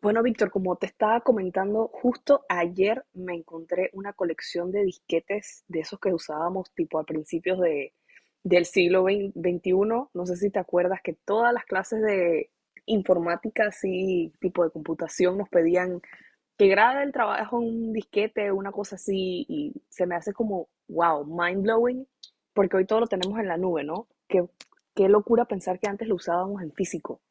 Bueno, Víctor, como te estaba comentando, justo ayer me encontré una colección de disquetes de esos que usábamos tipo a del siglo XXI. No sé si te acuerdas que todas las clases de informática, así tipo de computación, nos pedían que graba el trabajo en un disquete, una cosa así, y se me hace como, wow, mind blowing, porque hoy todo lo tenemos en la nube, ¿no? Qué locura pensar que antes lo usábamos en físico.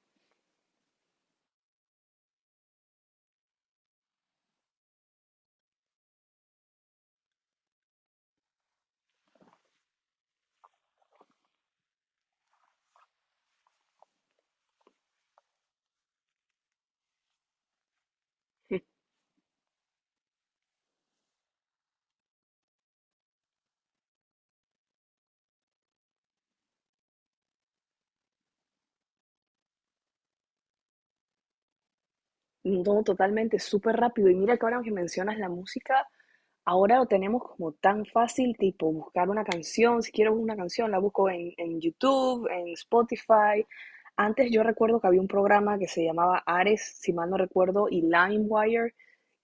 No, totalmente, súper rápido. Y mira que ahora que mencionas la música, ahora lo tenemos como tan fácil, tipo buscar una canción, si quiero una canción, la busco en YouTube, en Spotify. Antes yo recuerdo que había un programa que se llamaba Ares, si mal no recuerdo, y LimeWire,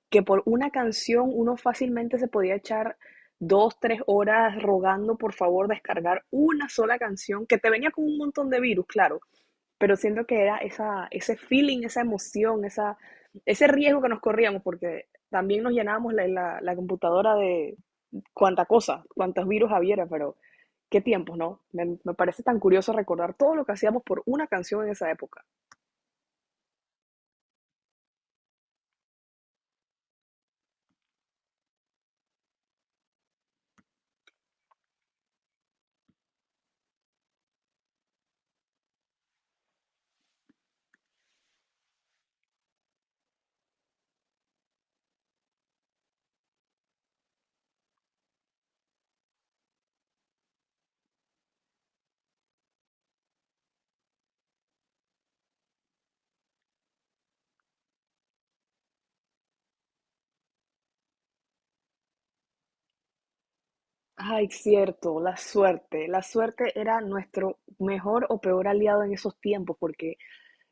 que por una canción uno fácilmente se podía echar dos, tres horas rogando por favor descargar una sola canción, que te venía con un montón de virus, claro, pero siento que era ese feeling, esa emoción, ese riesgo que nos corríamos, porque también nos llenábamos la computadora de cuánta cosa, cuántos virus hubiera, pero qué tiempos, ¿no? Parece tan curioso recordar todo lo que hacíamos por una canción en esa época. Ay, cierto, la suerte. La suerte era nuestro mejor o peor aliado en esos tiempos, porque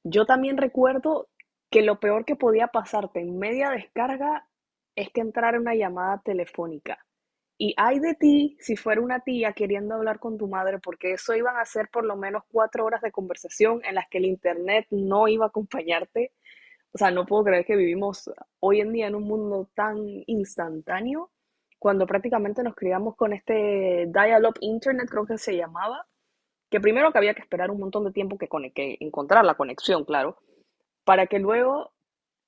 yo también recuerdo que lo peor que podía pasarte en media descarga es que entrara una llamada telefónica. Y ay de ti si fuera una tía queriendo hablar con tu madre, porque eso iban a ser por lo menos 4 horas de conversación en las que el internet no iba a acompañarte. O sea, no puedo creer que vivimos hoy en día en un mundo tan instantáneo, cuando prácticamente nos criamos con este dial-up internet, creo que se llamaba, que primero que había que esperar un montón de tiempo que encontrar la conexión, claro, para que luego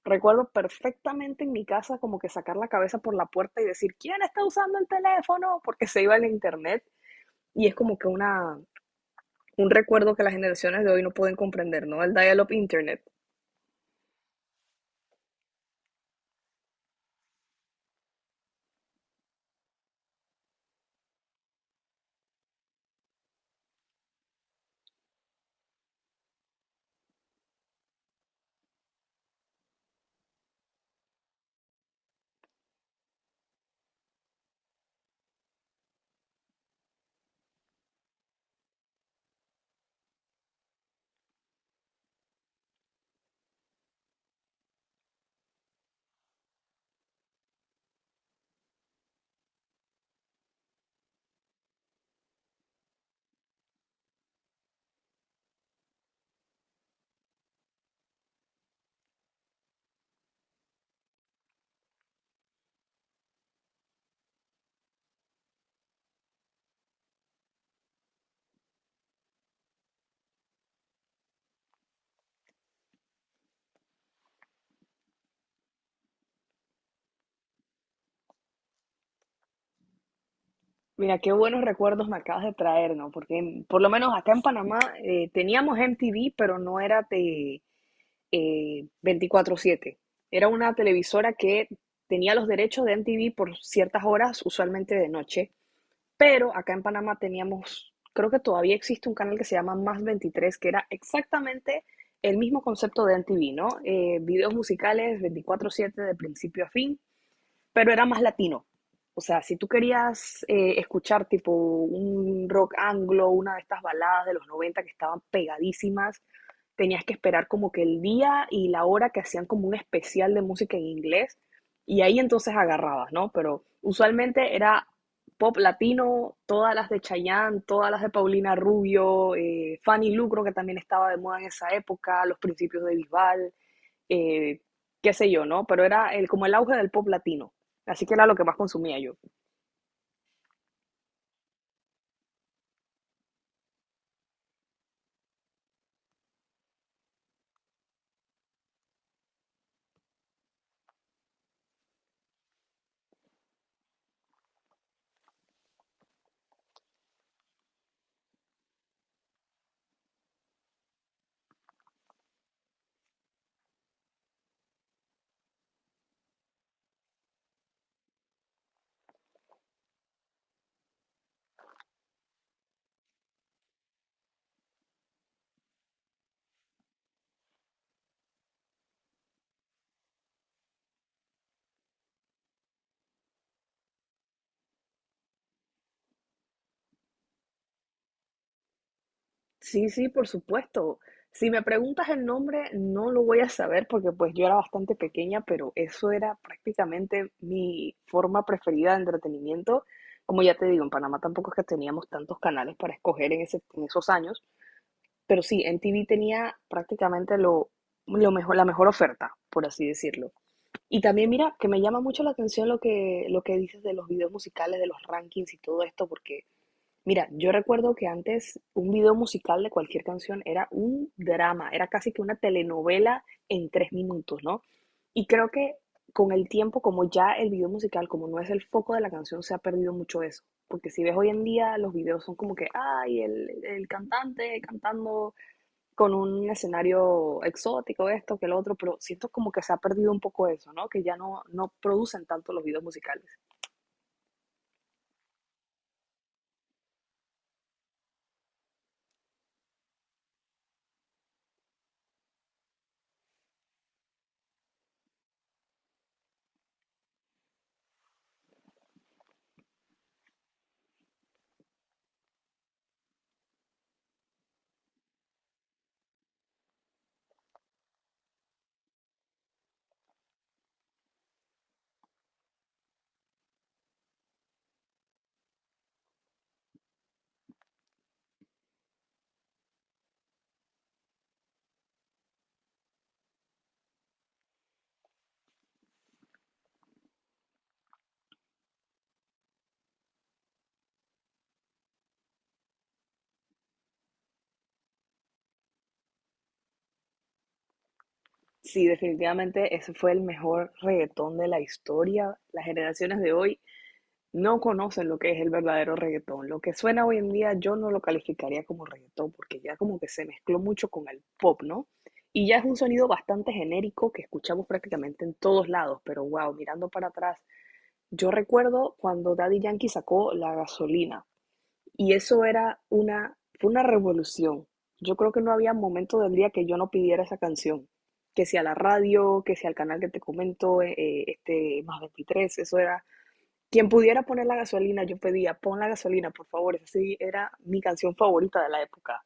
recuerdo perfectamente en mi casa como que sacar la cabeza por la puerta y decir, ¿quién está usando el teléfono? Porque se iba el internet y es como que un recuerdo que las generaciones de hoy no pueden comprender, ¿no? El dial-up internet. Mira, qué buenos recuerdos me acabas de traer, ¿no? Porque por lo menos acá en Panamá teníamos MTV, pero no era de 24/7. Era una televisora que tenía los derechos de MTV por ciertas horas, usualmente de noche. Pero acá en Panamá teníamos, creo que todavía existe un canal que se llama Más veintitrés que era exactamente el mismo concepto de MTV, ¿no? Videos musicales veinticuatro siete de principio a fin, pero era más latino. O sea, si tú querías escuchar tipo un rock anglo, una de estas baladas de los 90 que estaban pegadísimas, tenías que esperar como que el día y la hora que hacían como un especial de música en inglés y ahí entonces agarrabas, ¿no? Pero usualmente era pop latino, todas las de Chayanne, todas las de Paulina Rubio, Fanny Lu, creo que también estaba de moda en esa época, los principios de Bisbal, eh, qué sé yo, ¿no? Pero era como el auge del pop latino. Así que era lo que más consumía yo. Sí, sí, por supuesto. Si me preguntas el nombre, no lo voy a saber porque pues yo era bastante pequeña, pero eso era prácticamente mi forma preferida de entretenimiento. Como ya te digo, en Panamá tampoco es que teníamos tantos canales para escoger en esos años, pero sí, en TV tenía prácticamente lo mejor, la mejor oferta, por así decirlo. Y también mira, que me llama mucho la atención lo que dices de los videos musicales, de los rankings y todo esto, porque mira, yo recuerdo que antes un video musical de cualquier canción era un drama, era casi que una telenovela en 3 minutos, ¿no? Y creo que con el tiempo, como ya el video musical, como no es el foco de la canción, se ha perdido mucho eso. Porque si ves hoy en día, los videos son como que, ay, el cantante cantando con un escenario exótico, esto, que lo otro, pero siento como que se ha perdido un poco eso, ¿no? Que ya no, no producen tanto los videos musicales. Sí, definitivamente ese fue el mejor reggaetón de la historia. Las generaciones de hoy no conocen lo que es el verdadero reggaetón. Lo que suena hoy en día yo no lo calificaría como reggaetón porque ya como que se mezcló mucho con el pop, ¿no? Y ya es un sonido bastante genérico que escuchamos prácticamente en todos lados, pero wow, mirando para atrás, yo recuerdo cuando Daddy Yankee sacó La Gasolina. Y eso era fue una revolución. Yo creo que no había momento del día que yo no pidiera esa canción. Que sea la radio, que sea el canal que te comento, este más veintitrés eso era. Quien pudiera poner la gasolina, yo pedía, pon la gasolina, por favor. Esa sí era mi canción favorita de la época.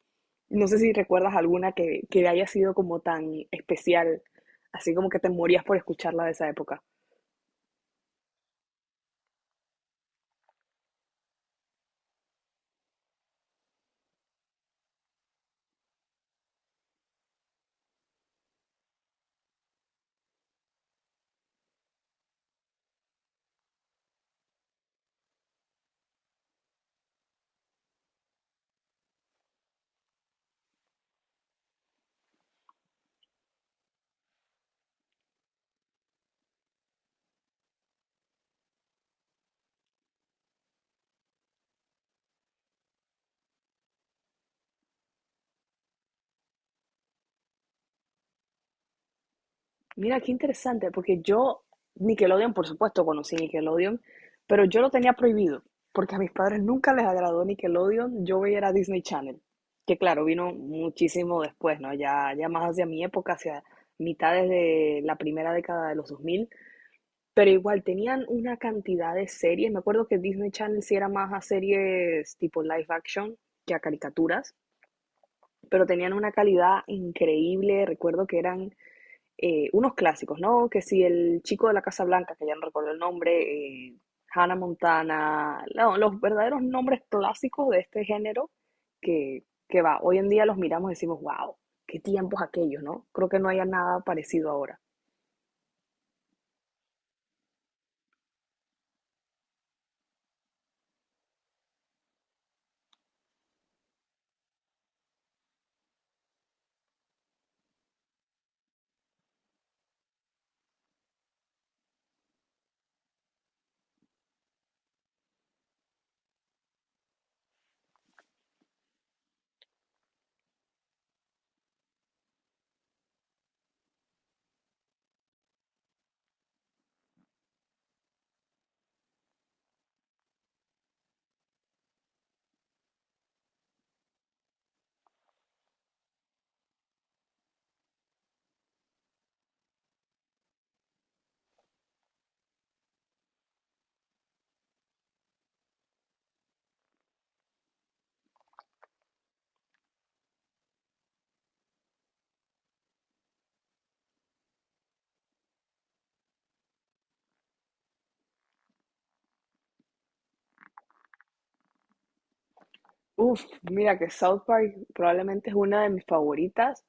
No sé si recuerdas alguna que haya sido como tan especial, así como que te morías por escucharla de esa época. Mira, qué interesante, porque yo, Nickelodeon, por supuesto, conocí Nickelodeon, pero yo lo tenía prohibido, porque a mis padres nunca les agradó Nickelodeon, yo veía era Disney Channel, que claro, vino muchísimo después, ¿no? Ya más hacia mi época, hacia mitades de la primera década de los 2000, pero igual tenían una cantidad de series, me acuerdo que Disney Channel sí era más a series tipo live action que a caricaturas, pero tenían una calidad increíble, recuerdo que eran unos clásicos, ¿no? Que si el chico de la Casa Blanca, que ya no recuerdo el nombre, Hannah Montana, no, los verdaderos nombres clásicos de este género que, que va, hoy en día los miramos y decimos, wow, qué tiempos aquellos, ¿no? Creo que no haya nada parecido ahora. Uf, mira que South Park probablemente es una de mis favoritas,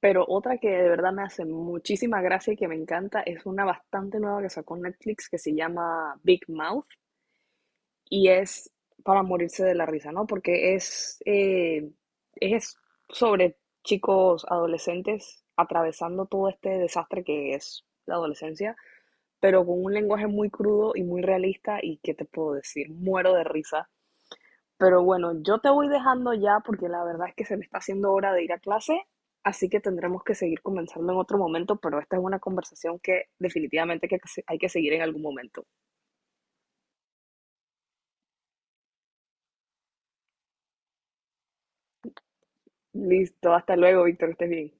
pero otra que de verdad me hace muchísima gracia y que me encanta es una bastante nueva que sacó Netflix que se llama Big Mouth y es para morirse de la risa, ¿no? Porque es sobre chicos adolescentes atravesando todo este desastre que es la adolescencia, pero con un lenguaje muy crudo y muy realista y, ¿qué te puedo decir? Muero de risa. Pero bueno, yo te voy dejando ya porque la verdad es que se me está haciendo hora de ir a clase, así que tendremos que seguir conversando en otro momento, pero esta es una conversación que definitivamente que hay que seguir en algún momento. Listo, hasta luego, Víctor, estés bien.